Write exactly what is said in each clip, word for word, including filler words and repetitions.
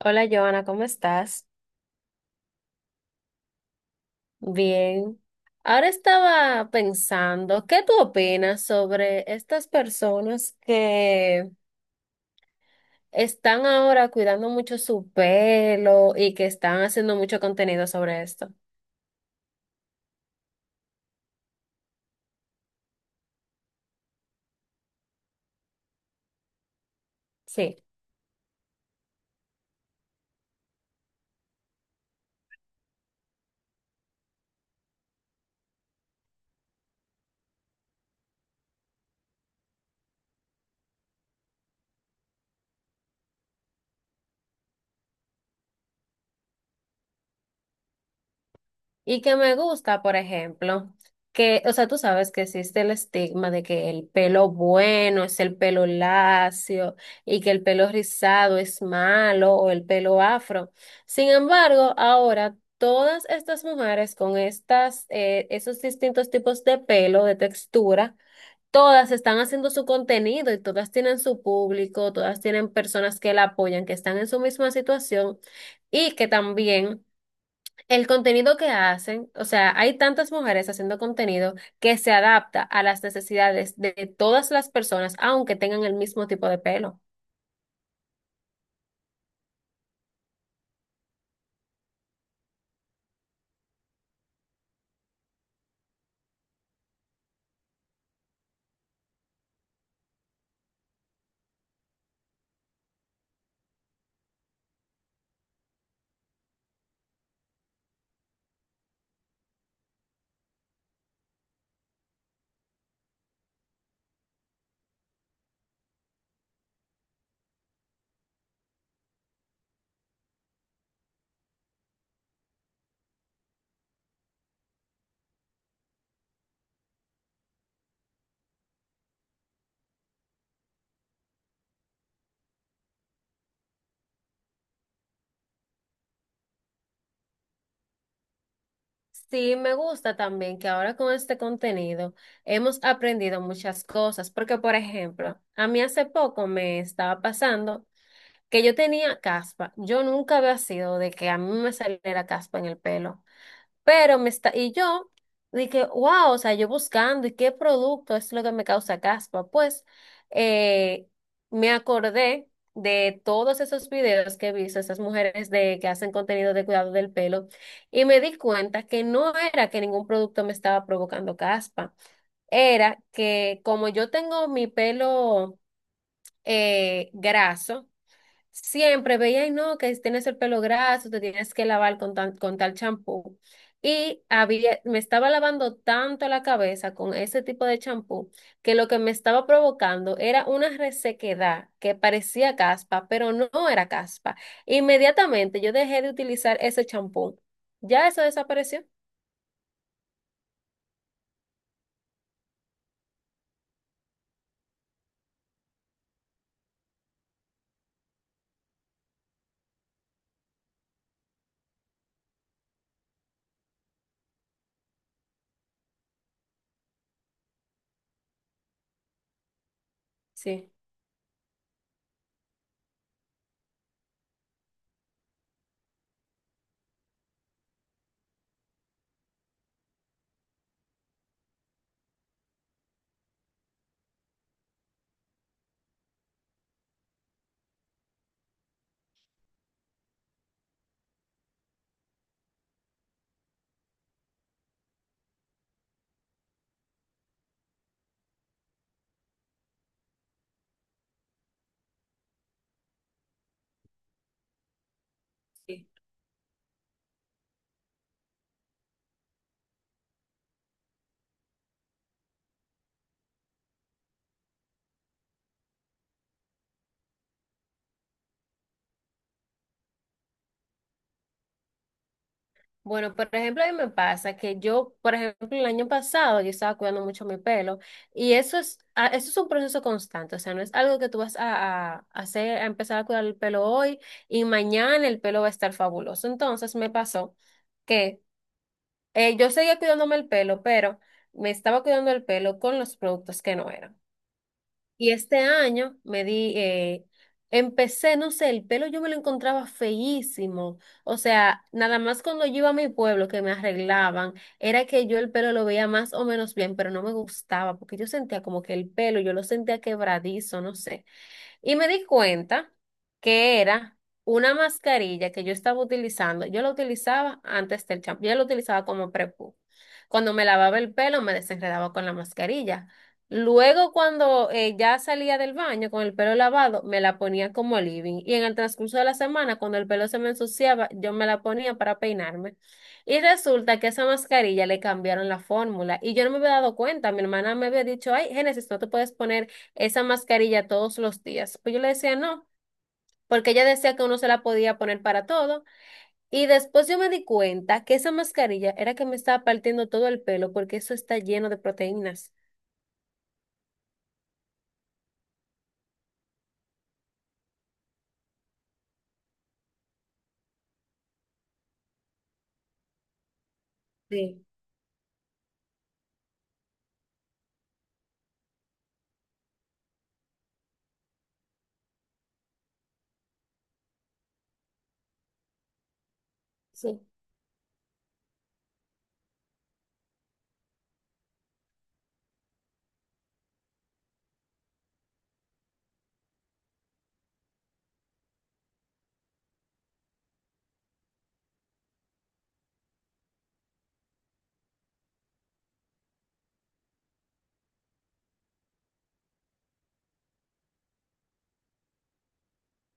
Hola Joana, ¿cómo estás? Bien. Ahora estaba pensando, ¿qué tú opinas sobre estas personas que están ahora cuidando mucho su pelo y que están haciendo mucho contenido sobre esto? Sí. Y que me gusta, por ejemplo, que, o sea, tú sabes que existe el estigma de que el pelo bueno es el pelo lacio y que el pelo rizado es malo o el pelo afro. Sin embargo, ahora todas estas mujeres con estas, eh, esos distintos tipos de pelo, de textura, todas están haciendo su contenido y todas tienen su público, todas tienen personas que la apoyan, que están en su misma situación y que también... El contenido que hacen, o sea, hay tantas mujeres haciendo contenido que se adapta a las necesidades de todas las personas, aunque tengan el mismo tipo de pelo. Sí, me gusta también que ahora con este contenido hemos aprendido muchas cosas, porque por ejemplo, a mí hace poco me estaba pasando que yo tenía caspa. Yo nunca había sido de que a mí me saliera caspa en el pelo. Pero me está, y yo dije, wow, o sea, yo buscando y qué producto es lo que me causa caspa. Pues eh, me acordé de todos esos videos que he visto, esas mujeres de, que hacen contenido de cuidado del pelo, y me di cuenta que no era que ningún producto me estaba provocando caspa, era que como yo tengo mi pelo eh, graso, Siempre veía, y no, que tienes el pelo graso, te tienes que lavar con, tan- con tal champú. Y había, me estaba lavando tanto la cabeza con ese tipo de champú que lo que me estaba provocando era una resequedad que parecía caspa, pero no era caspa. Inmediatamente yo dejé de utilizar ese champú. ¿Ya eso desapareció? Sí. Bueno, por ejemplo, a mí me pasa que yo, por ejemplo, el año pasado yo estaba cuidando mucho mi pelo y eso es, a- eso es un proceso constante, o sea, no es algo que tú vas a, a hacer, a empezar a cuidar el pelo hoy y mañana el pelo va a estar fabuloso. Entonces me pasó que eh, yo seguía cuidándome el pelo, pero me estaba cuidando el pelo con los productos que no eran. Y este año me di, eh, empecé, no sé, el pelo yo me lo encontraba feísimo. O sea, nada más cuando yo iba a mi pueblo que me arreglaban, era que yo el pelo lo veía más o menos bien, pero no me gustaba porque yo sentía como que el pelo, yo lo sentía quebradizo, no sé. Y me di cuenta que era una mascarilla que yo estaba utilizando. Yo la utilizaba antes del champú. Yo la utilizaba como prepu. Cuando me lavaba el pelo, me desenredaba con la mascarilla. Luego, cuando eh, ya salía del baño con el pelo lavado, me la ponía como living. Y en el transcurso de la semana, cuando el pelo se me ensuciaba, yo me la ponía para peinarme. Y resulta que esa mascarilla le cambiaron la fórmula. Y yo no me había dado cuenta. Mi hermana me había dicho, ay, Génesis, no te puedes poner esa mascarilla todos los días. Pues yo le decía no, porque ella decía que uno se la podía poner para todo. Y después yo me di cuenta que esa mascarilla era que me estaba partiendo todo el pelo, porque eso está lleno de proteínas. Sí, sí.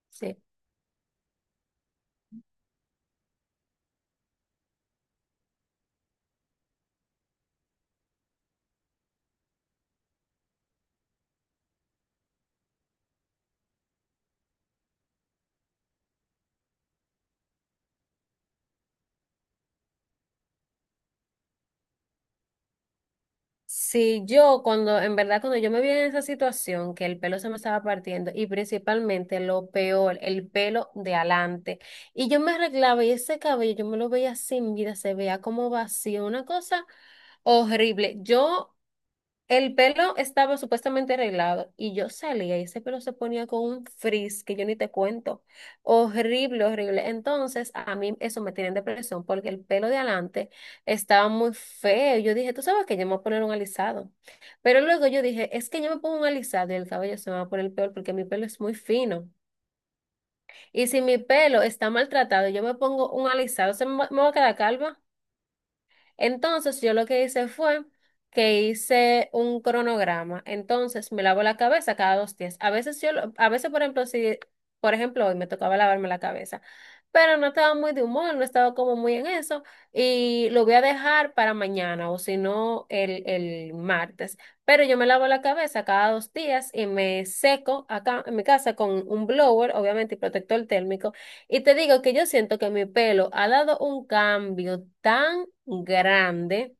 Sí. Sí, yo cuando, en verdad, cuando yo me vi en esa situación, que el pelo se me estaba partiendo y principalmente lo peor, el pelo de adelante, y yo me arreglaba y ese cabello yo me lo veía sin vida, se veía como vacío, una cosa horrible. Yo El pelo estaba supuestamente arreglado y yo salía y ese pelo se ponía con un frizz que yo ni te cuento. Horrible, horrible. Entonces, a mí eso me tiene en depresión porque el pelo de adelante estaba muy feo. Yo dije, tú sabes que yo me voy a poner un alisado. Pero luego yo dije, es que yo me pongo un alisado y el cabello se me va a poner peor porque mi pelo es muy fino. Y si mi pelo está maltratado, y yo me pongo un alisado, ¿se me va, me va a quedar calva? Entonces yo lo que hice fue que hice un cronograma. Entonces me lavo la cabeza cada dos días. A veces yo, lo- a veces por ejemplo, si, por ejemplo, hoy me tocaba lavarme la cabeza, pero no estaba muy de humor, no estaba como muy en eso y lo voy a dejar para mañana o si no el, el martes. Pero yo me lavo la cabeza cada dos días y me seco acá en mi casa con un blower, obviamente, y protector térmico. Y te digo que yo siento que mi pelo ha dado un cambio tan grande.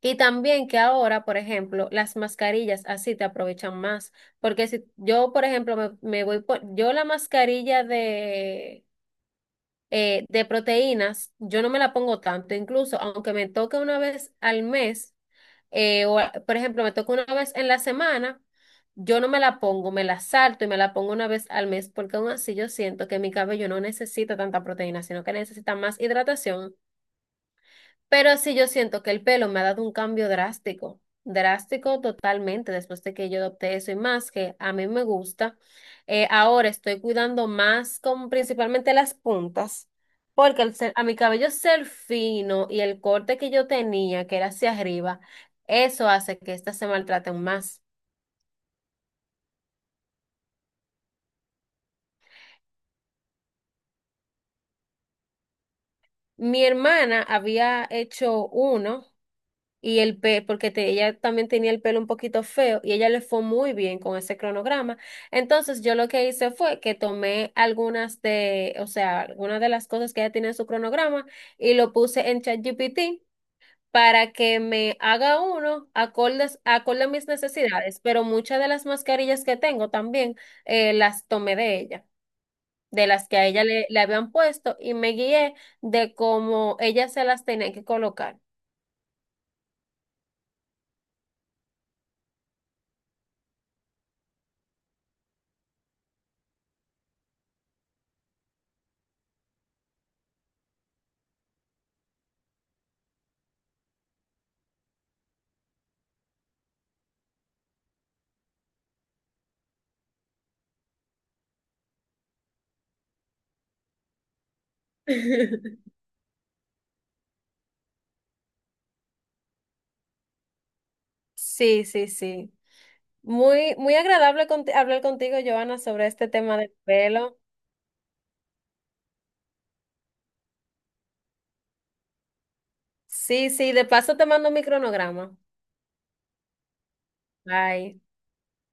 Y también que ahora, por ejemplo, las mascarillas así te aprovechan más. Porque si yo, por ejemplo, me, me voy por, yo la mascarilla de, eh, de proteínas, yo no me la pongo tanto. Incluso, aunque me toque una vez al mes, eh, o a- por ejemplo, me toque una vez en la semana, yo no me la pongo, me la salto y me la pongo una vez al mes, porque aún así yo siento que mi cabello no necesita tanta proteína, sino que necesita más hidratación. Pero sí yo siento que el pelo me ha dado un cambio drástico, drástico totalmente después de que yo adopté eso y más que a mí me gusta. eh, ahora estoy cuidando más con principalmente las puntas, porque al ser- a mi cabello ser fino y el corte que yo tenía, que era hacia arriba, eso hace que estas se maltraten más. Mi hermana había hecho uno. Y el pe porque te- ella también tenía el pelo un poquito feo y ella le fue muy bien con ese cronograma. Entonces yo lo que hice fue que tomé algunas de, o sea, algunas de las cosas que ella tiene en su cronograma y lo puse en ChatGPT para que me haga uno acordes, acorde a mis necesidades, pero muchas de las mascarillas que tengo también eh, las tomé de ella, de las que a ella le, le habían puesto y me guié de cómo ella se las tenía que colocar. Sí, sí, sí. Muy, muy agradable conti- hablar contigo, Joana, sobre este tema del pelo. Sí, sí, de paso te mando mi cronograma. Bye.